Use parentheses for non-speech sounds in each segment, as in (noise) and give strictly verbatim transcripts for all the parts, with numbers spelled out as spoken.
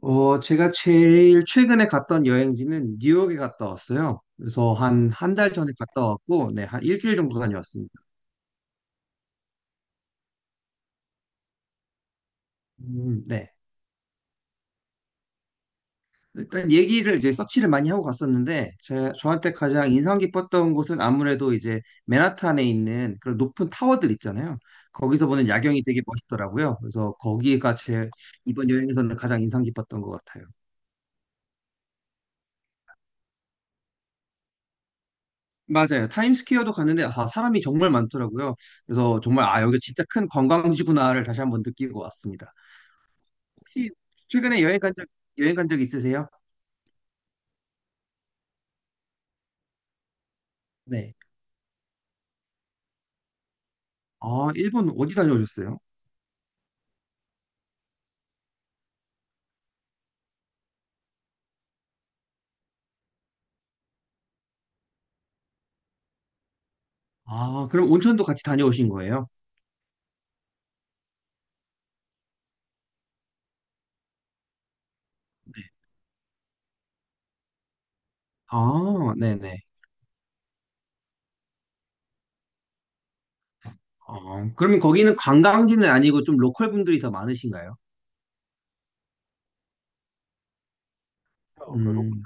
어, 제가 제일 최근에 갔던 여행지는 뉴욕에 갔다 왔어요. 그래서 한, 한 달 전에 갔다 왔고, 네, 한 일주일 정도 다녀왔습니다. 음, 네. 일단 얘기를 이제 서치를 많이 하고 갔었는데, 제, 저한테 가장 인상 깊었던 곳은 아무래도 이제 맨하탄에 있는 그런 높은 타워들 있잖아요. 거기서 보는 야경이 되게 멋있더라고요. 그래서 거기가 제 이번 여행에서는 가장 인상 깊었던 것 같아요. 맞아요. 타임스퀘어도 갔는데 아, 사람이 정말 많더라고요. 그래서 정말 아, 여기 진짜 큰 관광지구나를 다시 한 번 느끼고 왔습니다. 혹시 최근에 여행 간 적, 여행 간 적 있으세요? 네. 아, 일본 어디 다녀오셨어요? 아, 그럼 온천도 같이 다녀오신 거예요? 아, 네네. 어, 그러면 거기는 관광지는 아니고 좀 로컬 분들이 더 많으신가요? 음, 음,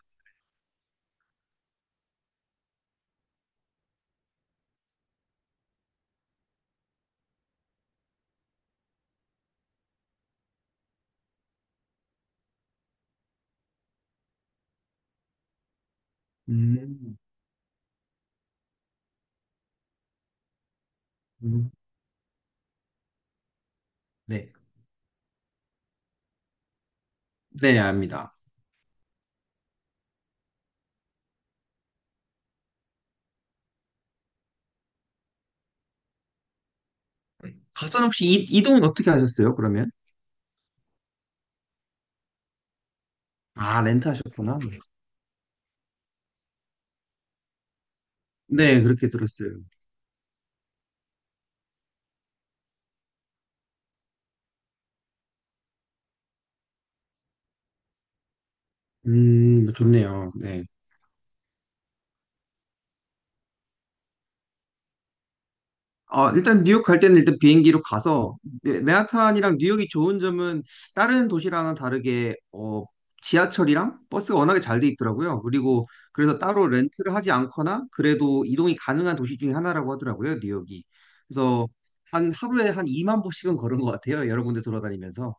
음, 네. 네, 압니다. 가선 혹시 이, 이동은 어떻게 하셨어요, 그러면? 아, 렌트하셨구나. 네, 그렇게 들었어요. 음, 좋네요. 네. 어, 일단 뉴욕 갈 때는 일단 비행기로 가서, 네, 맨하탄이랑 뉴욕이 좋은 점은 다른 도시랑은 다르게 어, 지하철이랑 버스가 워낙에 잘 돼 있더라고요. 그리고 그래서 따로 렌트를 하지 않거나 그래도 이동이 가능한 도시 중에 하나라고 하더라고요, 뉴욕이. 그래서 한 하루에 한 이만 보씩은 걸은 것 같아요, 여러 군데 돌아다니면서.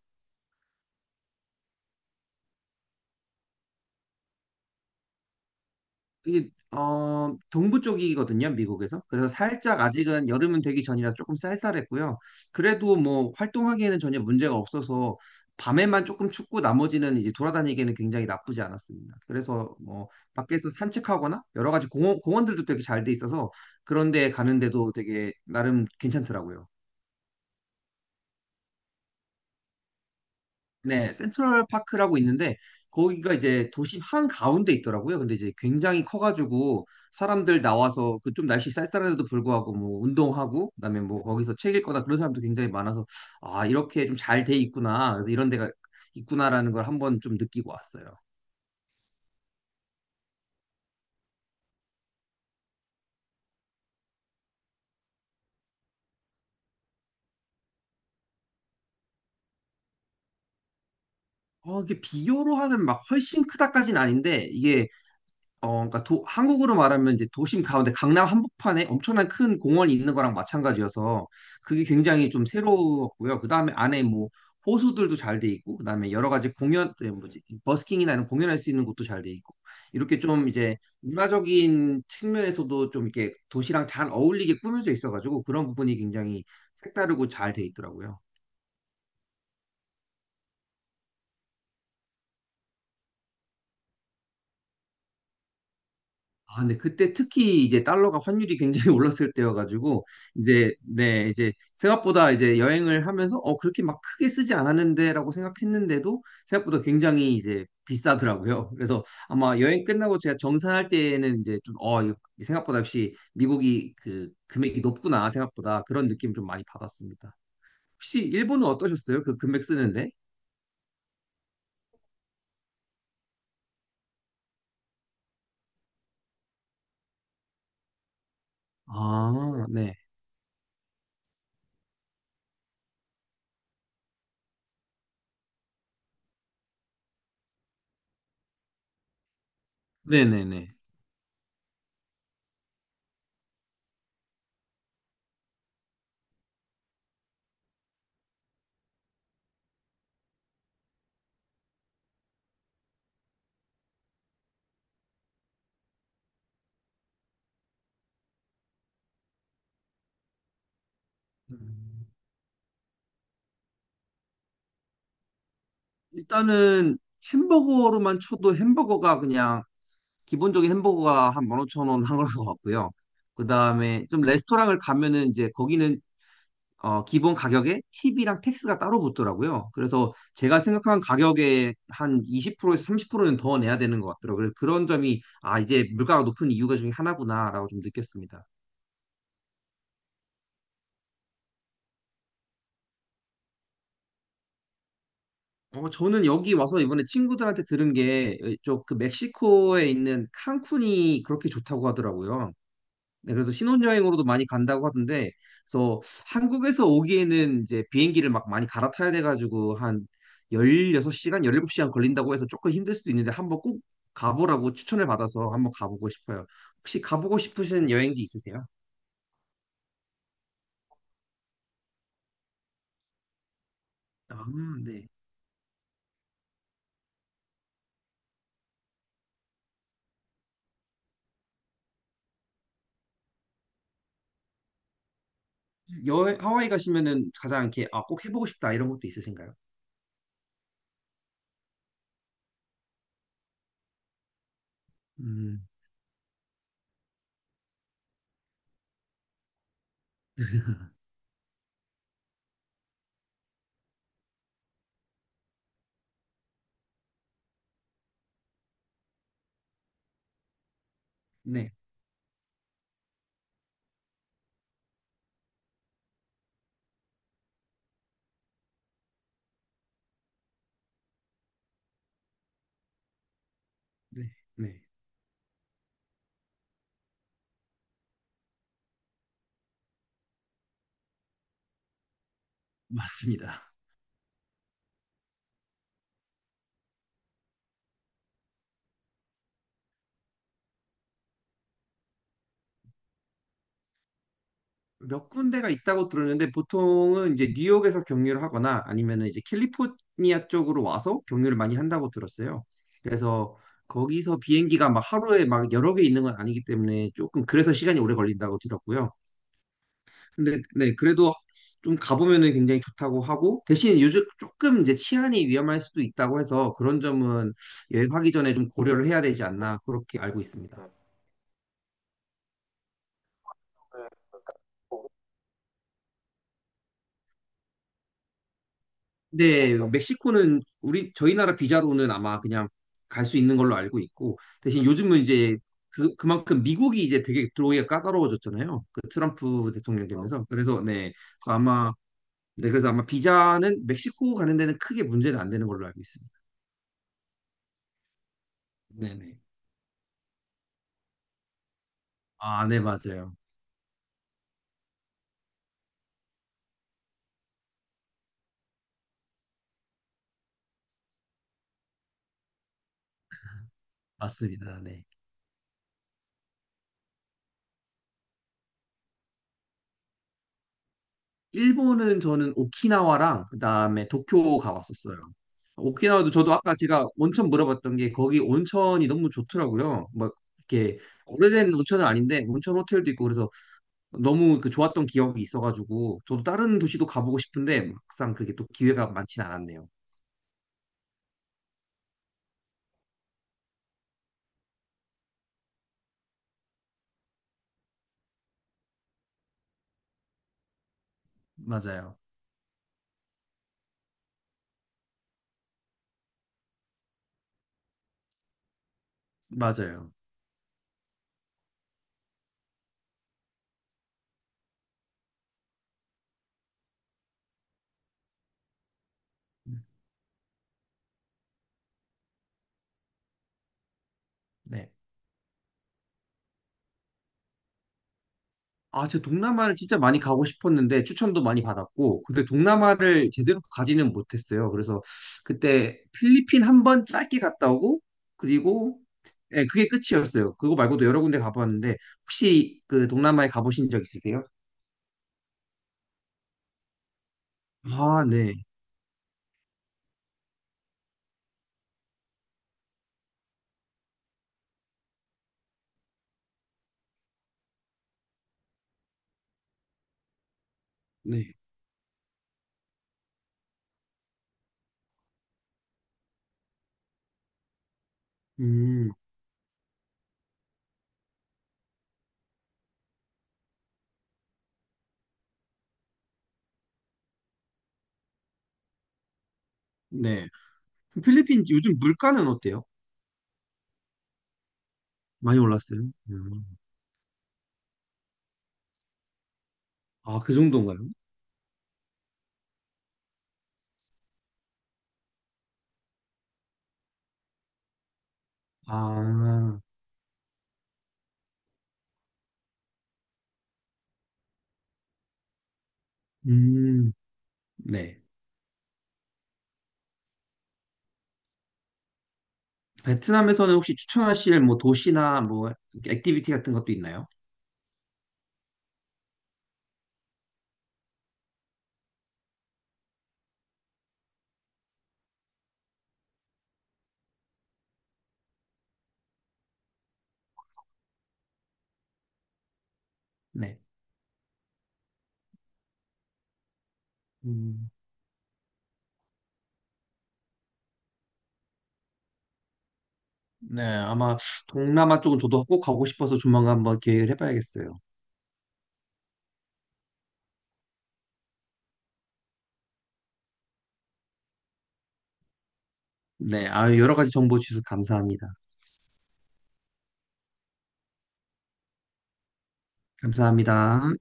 이게 어 동부 쪽이거든요, 미국에서. 그래서 살짝 아직은 여름은 되기 전이라 조금 쌀쌀했고요. 그래도 뭐 활동하기에는 전혀 문제가 없어서 밤에만 조금 춥고 나머지는 이제 돌아다니기에는 굉장히 나쁘지 않았습니다. 그래서 뭐 밖에서 산책하거나 여러 가지 공원, 공원들도 되게 잘 돼 있어서 그런 데 가는데도 되게 나름 괜찮더라고요. 네, 센트럴 파크라고 있는데 거기가 이제 도심 한가운데 있더라고요. 근데 이제 굉장히 커가지고 사람들 나와서 그 좀 날씨 쌀쌀한데도 불구하고 뭐 운동하고 그다음에 뭐 거기서 책 읽거나 그런 사람도 굉장히 많아서, 아, 이렇게 좀 잘 돼 있구나, 그래서 이런 데가 있구나라는 걸 한번 좀 느끼고 왔어요. 어, 이게 비교로 하면 막 훨씬 크다까진 아닌데, 이게 어, 그러니까 도- 한국으로 말하면 이제 도심 가운데 강남 한복판에 엄청난 큰 공원이 있는 거랑 마찬가지여서 그게 굉장히 좀 새로웠고요. 그다음에 안에 뭐 호수들도 잘 돼 있고, 그다음에 여러 가지 공연, 에, 뭐지, 버스킹이나 이런 공연할 수 있는 곳도 잘 돼 있고, 이렇게 좀 이제 문화적인 측면에서도 좀 이렇게 도시랑 잘 어울리게 꾸며져 있어가지고 그런 부분이 굉장히 색다르고 잘 돼 있더라고요. 아, 근데 그때 특히 이제 달러가 환율이 굉장히 (laughs) 올랐을 때여가지고 이제 네 이제 생각보다 이제 여행을 하면서 어 그렇게 막 크게 쓰지 않았는데라고 생각했는데도 생각보다 굉장히 이제 비싸더라고요. (laughs) 그래서 아마 여행 끝나고 제가 정산할 때에는 이제 좀어 생각보다 역시 미국이 그 금액이 높구나, 생각보다 그런 느낌 좀 많이 받았습니다. 혹시 일본은 어떠셨어요? 그 금액 쓰는데? 아, 네. 네네네. 음, 일단은 햄버거로만 쳐도 햄버거가 그냥 기본적인 햄버거가 한 만 오천 원 한 걸로 같고요. 그 다음에 좀 레스토랑을 가면은 이제 거기는 어, 기본 가격에 팁이랑 텍스가 따로 붙더라고요. 그래서 제가 생각한 가격에 한 이십 프로에서 삼십 프로는 더 내야 되는 것 같더라고요. 그래서 그런 점이 아, 이제 물가가 높은 이유가 중에 하나구나라고 좀 느꼈습니다. 어, 저는 여기 와서 이번에 친구들한테 들은 게, 저그 멕시코에 있는 칸쿤이 그렇게 좋다고 하더라고요. 네, 그래서 신혼여행으로도 많이 간다고 하던데, 그래서 한국에서 오기에는 이제 비행기를 막 많이 갈아타야 돼가지고 한 열여섯 시간, 열일곱 시간 걸린다고 해서 조금 힘들 수도 있는데 한번 꼭 가보라고 추천을 받아서 한번 가보고 싶어요. 혹시 가보고 싶으신 여행지 있으세요? 아, 네. 여, 하와이 가시면은 가장 이렇게, 아, 꼭 해보고 싶다 이런 것도 있으신가요? 음, 네, 네, 네. 맞습니다. 몇 군데가 있다고 들었는데 보통은 이제 뉴욕에서 경유를 하거나 아니면 이제 캘리포니아 쪽으로 와서 경유를 많이 한다고 들었어요. 그래서 거기서 비행기가 막 하루에 막 여러 개 있는 건 아니기 때문에 조금, 그래서 시간이 오래 걸린다고 들었고요. 근데 네, 그래도 좀 가보면은 굉장히 좋다고 하고, 대신 요즘 조금 이제 치안이 위험할 수도 있다고 해서 그런 점은 여행하기 전에 좀 고려를 해야 되지 않나 그렇게 알고 있습니다. 근데 멕시코는 우리 저희 나라 비자로는 아마 그냥 갈 수 있는 걸로 알고 있고, 대신 요즘은 이제 그 그만큼 미국이 이제 되게 들어오기가 까다로워졌잖아요. 그 트럼프 대통령 되면서. 그래서 네, 그래서 아마 네 그래서 아마 비자는 멕시코 가는 데는 크게 문제는 안 되는 걸로 알고 있습니다. 네네. 아, 네, 맞아요. 맞습니다. 네. 일본은 저는 오키나와랑 그다음에 도쿄 가봤었어요. 오키나와도 저도 아까 제가 온천 물어봤던 게 거기 온천이 너무 좋더라고요. 막 이렇게 오래된 온천은 아닌데 온천 호텔도 있고 그래서 너무 그 좋았던 기억이 있어가지고 저도 다른 도시도 가보고 싶은데 막상 그게 또 기회가 많진 않았네요. 맞아요, 맞아요. 네. 아, 제가 동남아를 진짜 많이 가고 싶었는데 추천도 많이 받았고, 근데 동남아를 제대로 가지는 못했어요. 그래서 그때 필리핀 한 번 짧게 갔다 오고, 그리고 예, 그게 끝이었어요. 그거 말고도 여러 군데 가봤는데, 혹시 그 동남아에 가보신 적 있으세요? 아, 네, 네, 음, 네. 그럼 필리핀 요즘 물가는 어때요? 많이 올랐어요? 음. 아, 그 정도인가요? 아, 음, 네. 베트남에서는 혹시 추천하실 뭐 도시나 뭐 액티비티 같은 것도 있나요? 네. 음, 네, 아마 동남아 쪽은 저도 꼭 가고 싶어서 조만간 한번 계획을 해봐야겠어요. 네, 아, 여러 가지 정보 주셔서 감사합니다. 감사합니다.